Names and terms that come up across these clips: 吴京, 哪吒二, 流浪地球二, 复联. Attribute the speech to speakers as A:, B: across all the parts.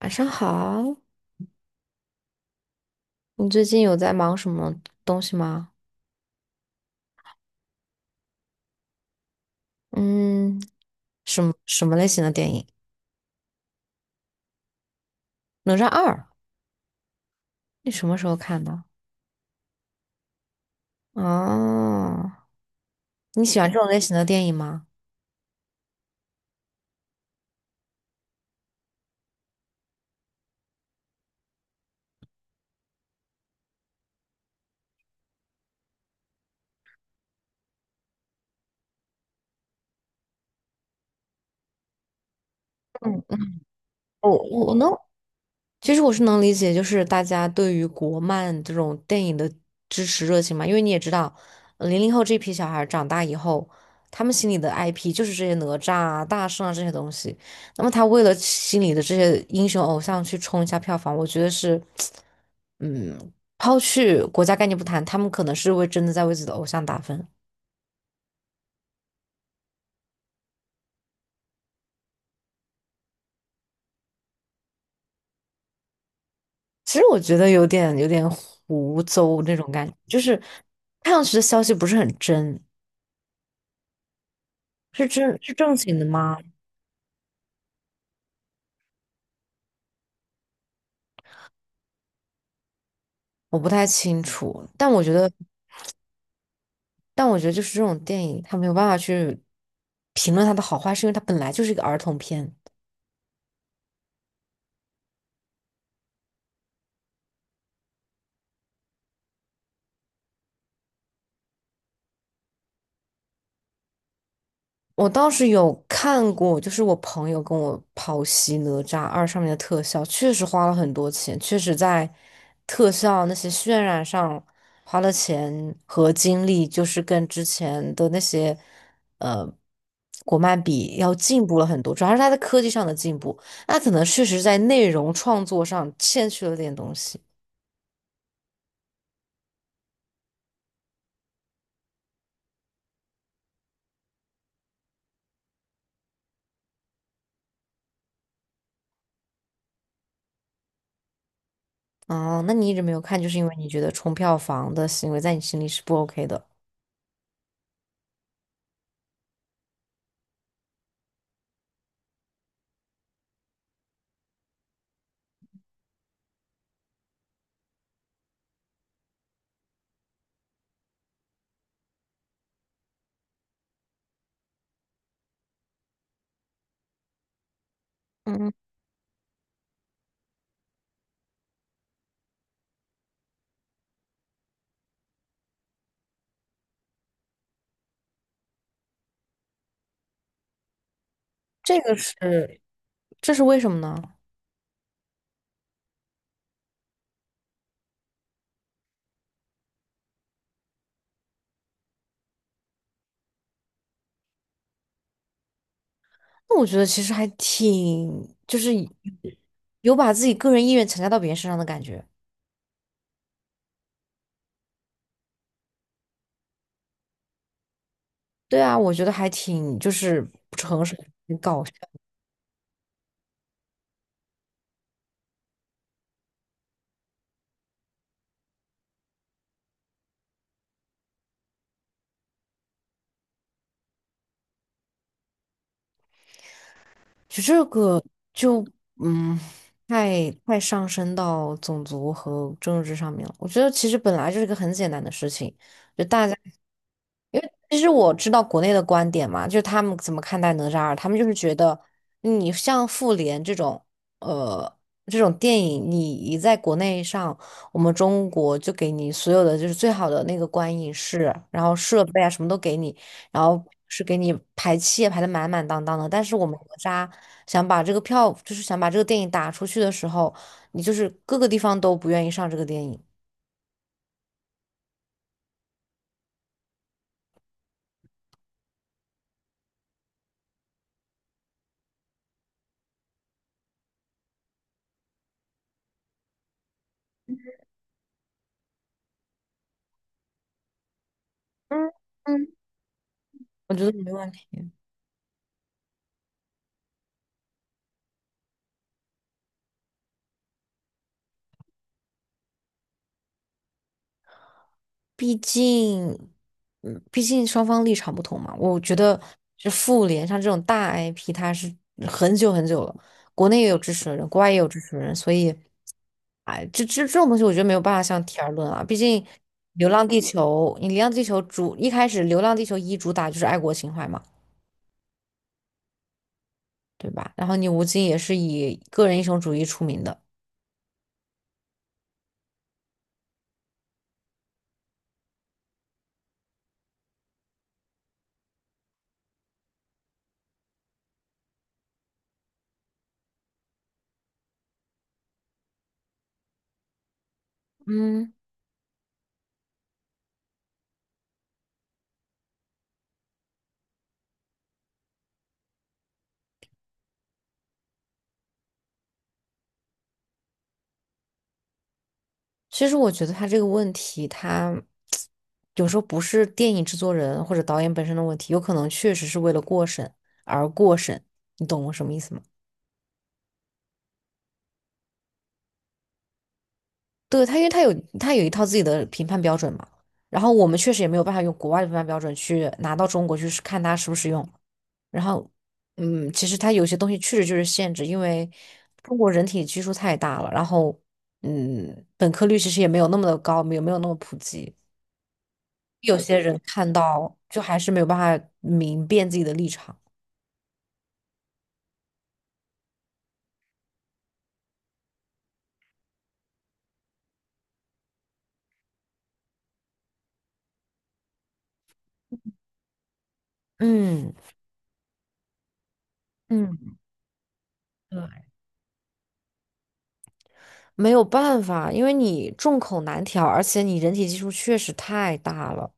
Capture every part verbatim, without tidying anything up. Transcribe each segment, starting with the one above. A: 晚上好，你最近有在忙什么东西吗？嗯，什么什么类型的电影？《哪吒二》，你什么时候看的？哦，你喜欢这种类型的电影吗？嗯，我我能其实我是能理解，就是大家对于国漫这种电影的支持热情嘛，因为你也知道，零零后这批小孩儿长大以后，他们心里的 I P 就是这些哪吒啊、大圣啊这些东西。那么他为了心里的这些英雄偶像去冲一下票房，我觉得是，嗯，抛去国家概念不谈，他们可能是为真的在为自己的偶像打分。其实我觉得有点有点胡诌那种感觉，就是看上去的消息不是很真，是真是正经的吗？我不太清楚，但我觉得，但我觉得就是这种电影，它没有办法去评论它的好坏，是因为它本来就是一个儿童片。我倒是有看过，就是我朋友跟我剖析《哪吒二》上面的特效，确实花了很多钱，确实在特效那些渲染上花了钱和精力，就是跟之前的那些呃国漫比要进步了很多，主要是它在科技上的进步，那可能确实在内容创作上欠缺了点东西。哦，那你一直没有看，就是因为你觉得冲票房的行为在你心里是不 OK 的。嗯，这个是，这是为什么呢？那我觉得其实还挺，就是有把自己个人意愿强加到别人身上的感觉。对啊，我觉得还挺就是不诚实，很搞笑。就这个就嗯，太太上升到种族和政治上面了。我觉得其实本来就是一个很简单的事情，就大家。因为其实我知道国内的观点嘛，就是他们怎么看待哪吒二，他们就是觉得你像复联这种，呃，这种电影，你一在国内上，我们中国就给你所有的就是最好的那个观影室，然后设备啊什么都给你，然后是给你排期也排得满满当当的。但是我们哪吒想把这个票，就是想把这个电影打出去的时候，你就是各个地方都不愿意上这个电影，我觉得没问题。毕竟，嗯，毕竟双方立场不同嘛。我觉得，就复联像这种大 I P,它是很久很久了，国内也有支持的人，国外也有支持的人，所以，哎，这这这种东西，我觉得没有办法相提而论啊。毕竟，《流浪地球》，你《流浪地球》主一开始，《流浪地球一》主打就是爱国情怀嘛，对吧？然后你吴京也是以个人英雄主义出名的。嗯。其实我觉得他这个问题，他有时候不是电影制作人或者导演本身的问题，有可能确实是为了过审而过审，你懂我什么意思吗？对，他，因为他有他有一套自己的评判标准嘛，然后我们确实也没有办法用国外的评判标准去拿到中国去试看它实不实用。然后，嗯，其实他有些东西确实就是限制，因为中国人体基数太大了，然后，嗯，本科率其实也没有那么的高，没有没有那么普及。有些人看到就还是没有办法明辨自己的立场。嗯嗯，对，没有办法，因为你众口难调，而且你人体基数确实太大了。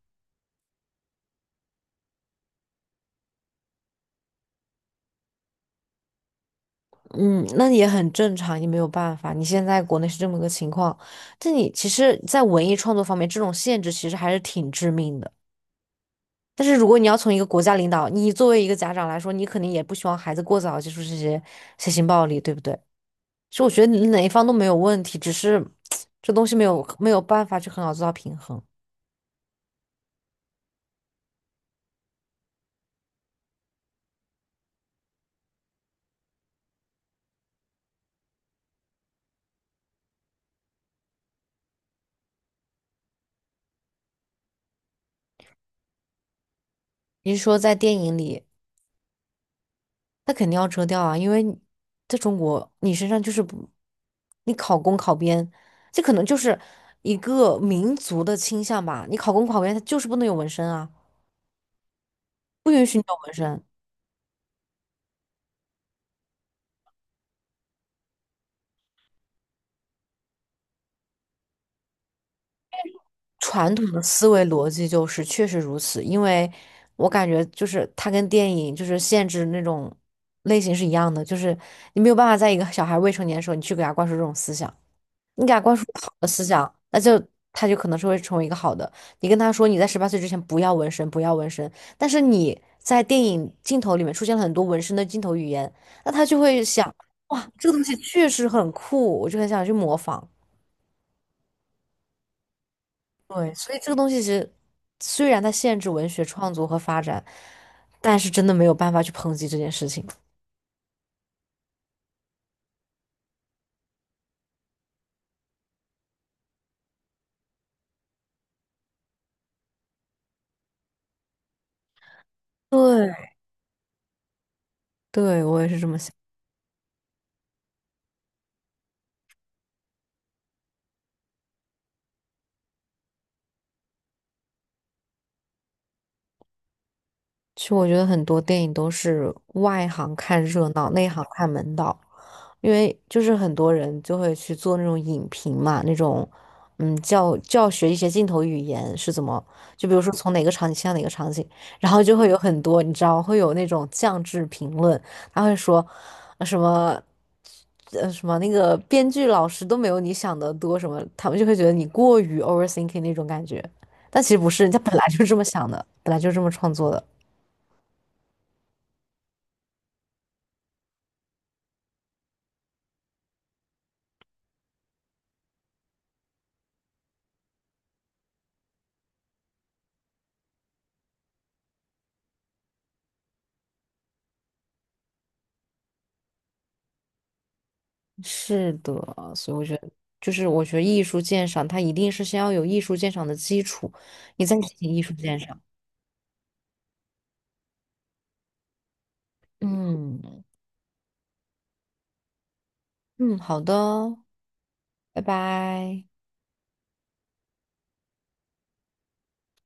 A: 嗯，那也很正常，也没有办法。你现在国内是这么个情况，但你其实，在文艺创作方面，这种限制其实还是挺致命的。但是如果你要从一个国家领导，你作为一个家长来说，你肯定也不希望孩子过早接触这些血腥暴力，对不对？其实我觉得你哪一方都没有问题，只是这东西没有没有办法去很好做到平衡。你是说在电影里，那肯定要遮掉啊，因为你在中国，你身上就是不，你考公考编，这可能就是一个民族的倾向吧。你考公考编，它就是不能有纹身啊，不允许你有纹身。传统的思维逻辑就是确实如此，因为我感觉就是它跟电影就是限制那种类型是一样的，就是你没有办法在一个小孩未成年的时候，你去给他灌输这种思想，你给他灌输好的思想，那就他就可能是会成为一个好的。你跟他说你在十八岁之前不要纹身，不要纹身，但是你在电影镜头里面出现了很多纹身的镜头语言，那他就会想，哇，这个东西确实很酷，我就很想去模仿。对，所以这个东西其实虽然它限制文学创作和发展，但是真的没有办法去抨击这件事情。对，对，我也是这么想。其实我觉得很多电影都是外行看热闹，内行看门道，因为就是很多人就会去做那种影评嘛，那种嗯教教学一些镜头语言是怎么，就比如说从哪个场景切到哪个场景，然后就会有很多你知道会有那种降智评论，他会说呃什么。呃什么那个编剧老师都没有你想的多什么，他们就会觉得你过于 overthinking 那种感觉，但其实不是，人家本来就是这么想的，本来就是这么创作的。是的，所以我觉得，就是我觉得艺术鉴赏，它一定是先要有艺术鉴赏的基础，你再进行艺术鉴赏。嗯嗯，好的，拜拜。